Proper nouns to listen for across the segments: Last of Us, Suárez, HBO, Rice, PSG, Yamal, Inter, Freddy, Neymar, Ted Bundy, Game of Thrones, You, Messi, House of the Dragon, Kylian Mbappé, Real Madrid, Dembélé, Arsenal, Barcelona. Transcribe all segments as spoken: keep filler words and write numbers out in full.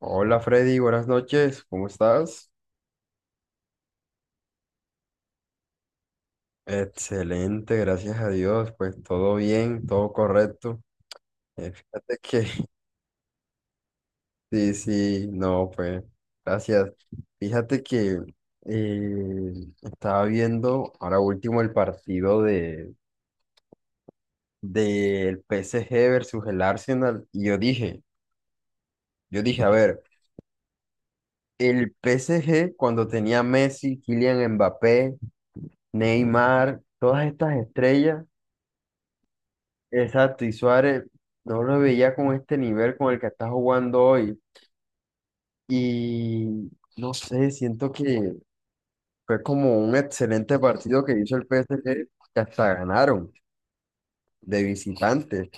Hola Freddy, buenas noches, ¿cómo estás? Excelente, gracias a Dios, pues todo bien, todo correcto. Eh, fíjate que, sí, sí, no, pues, gracias. Fíjate que eh, estaba viendo ahora último el partido de del P S G versus el Arsenal y yo dije, yo dije, a ver, el P S G cuando tenía Messi, Kylian Mbappé, Neymar, todas estas estrellas. Exacto, y Suárez no lo veía con este nivel con el que está jugando hoy. Y no sé, siento que fue como un excelente partido que hizo el P S G, que hasta ganaron de visitantes.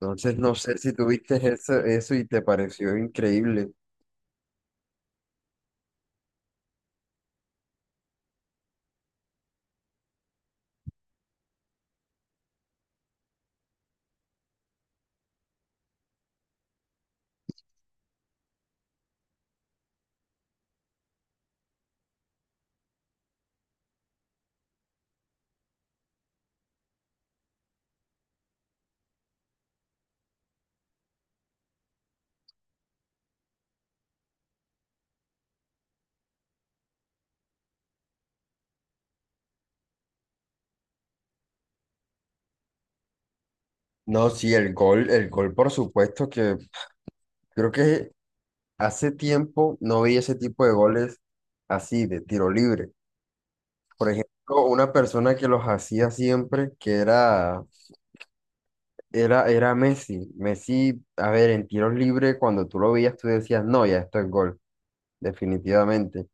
Entonces, no sé si tuviste eso, eso y te pareció increíble. No, sí, el gol, el gol, por supuesto, que creo que hace tiempo no veía ese tipo de goles así, de tiro libre. Por ejemplo, una persona que los hacía siempre, que era. Era, era Messi. Messi, a ver, en tiros libres, cuando tú lo veías, tú decías, no, ya esto es gol, definitivamente.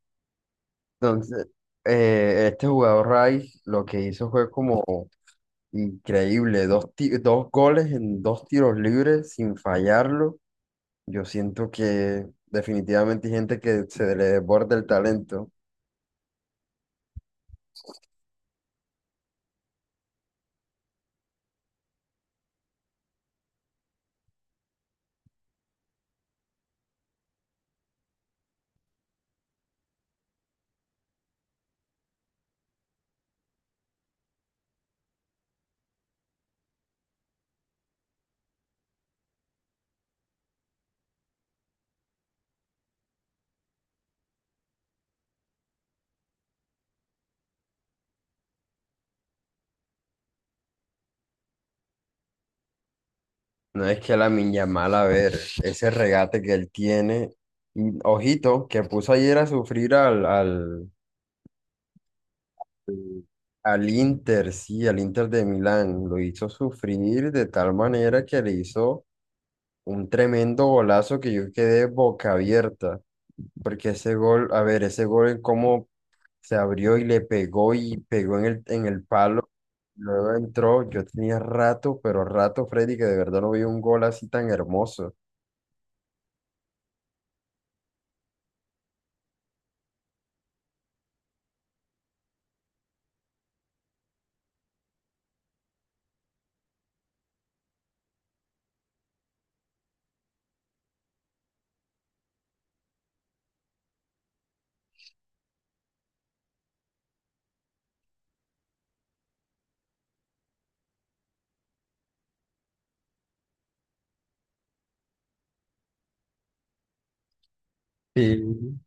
Entonces, eh, este jugador Rice lo que hizo fue como increíble, dos, ti- dos goles en dos tiros libres sin fallarlo. Yo siento que definitivamente hay gente que se le desborda el talento. No es que la Yamal, a ver, ese regate que él tiene, y, ojito, que puso ayer a sufrir al, al Sí. Al Inter, sí, al Inter de Milán, lo hizo sufrir de tal manera que le hizo un tremendo golazo que yo quedé boca abierta, porque ese gol, a ver, ese gol, en cómo se abrió y le pegó y pegó en el, en el palo, luego entró, yo tenía rato, pero rato, Freddy, que de verdad no vi un gol así tan hermoso. Sí.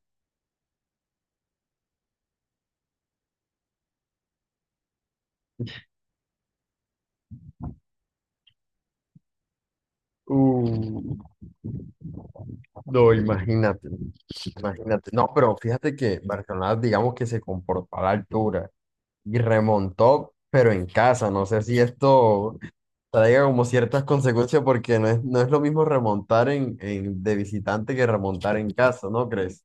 Uh, no, imagínate, imagínate. No, pero fíjate que Barcelona, digamos que se comportó a la altura y remontó, pero en casa. No sé si esto traiga como ciertas consecuencias porque no es, no es lo mismo remontar en, en- de visitante que remontar en casa, ¿no crees?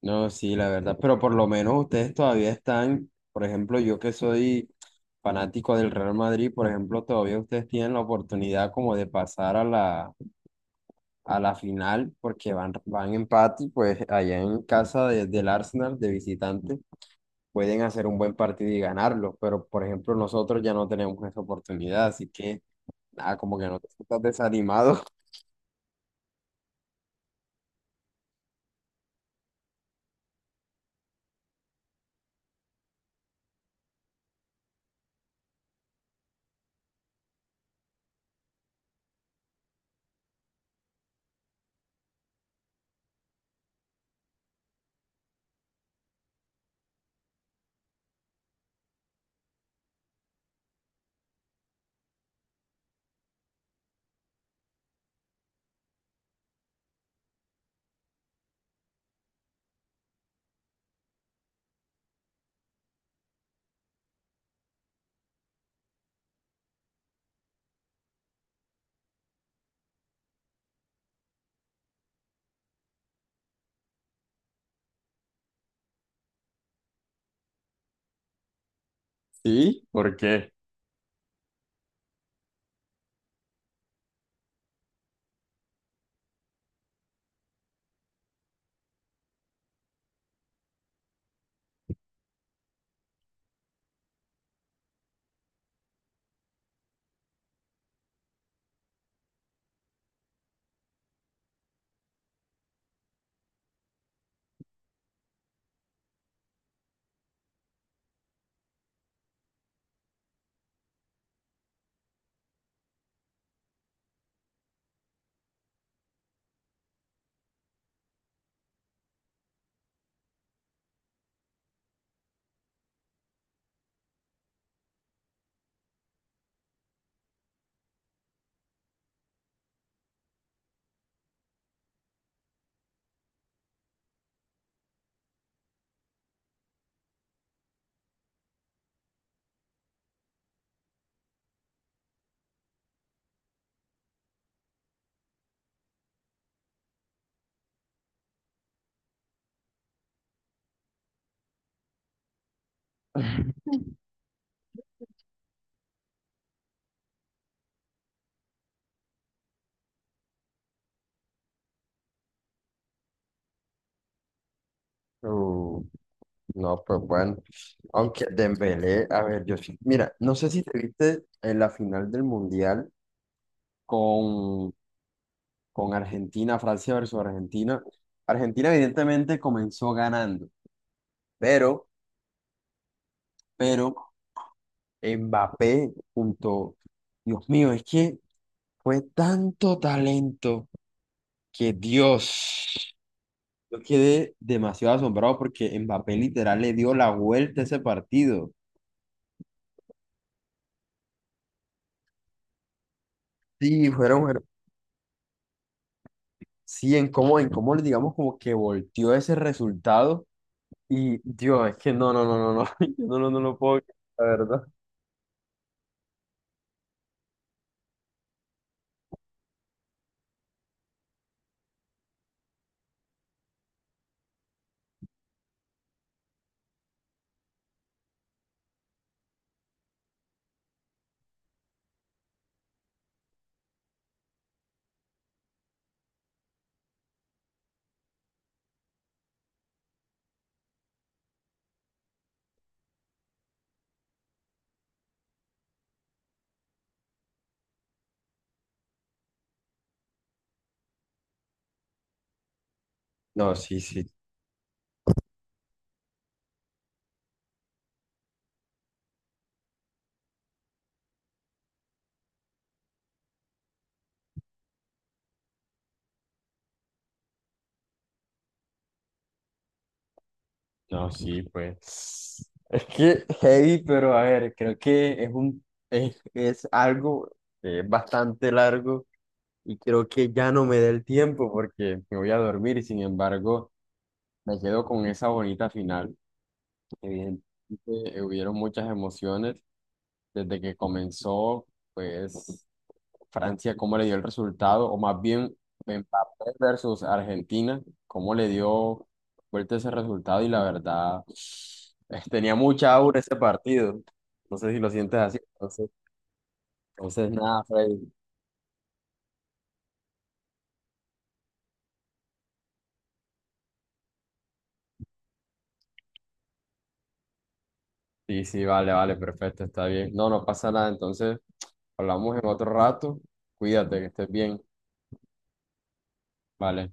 No, sí, la verdad, pero por lo menos ustedes todavía están, por ejemplo, yo que soy fanático del Real Madrid, por ejemplo, todavía ustedes tienen la oportunidad como de pasar a la... a la final porque van, van empate y pues allá en casa de- del Arsenal de visitante pueden hacer un buen partido y ganarlo, pero por ejemplo nosotros ya no tenemos esa oportunidad, así que nada, como que no te estás desanimado. Sí, ¿por qué? Uh, no, pues bueno, aunque Dembélé, a ver, yo sí- mira, no sé si te viste en la final del Mundial con, con Argentina, Francia versus Argentina. Argentina evidentemente comenzó ganando, pero pero Mbappé junto, Dios mío, es que fue tanto talento que Dios, yo quedé demasiado asombrado porque Mbappé literal le dio la vuelta a ese partido. Sí, fueron, fueron- sí, en cómo, en cómo, digamos, como que volteó ese resultado y Dios, es que no, no, no, no, no, yo no, no, no lo puedo creer, la verdad. No, sí, sí. No, sí, pues. Es que heavy, pero a ver, creo que es un es, es algo eh, bastante largo y creo que ya no me da el tiempo porque me voy a dormir y sin embargo me quedo con esa bonita final. Evidentemente eh, hubieron muchas emociones desde que comenzó, pues Francia, cómo le dio el resultado, o más bien Mbappé versus Argentina, cómo le dio vuelta ese resultado y la verdad eh, tenía mucha aura ese partido. No sé si lo sientes así. Entonces, entonces nada, Freddy. Sí, sí, vale, vale, perfecto, está bien. No, no pasa nada. Entonces, hablamos en otro rato. Cuídate, que estés bien. Vale.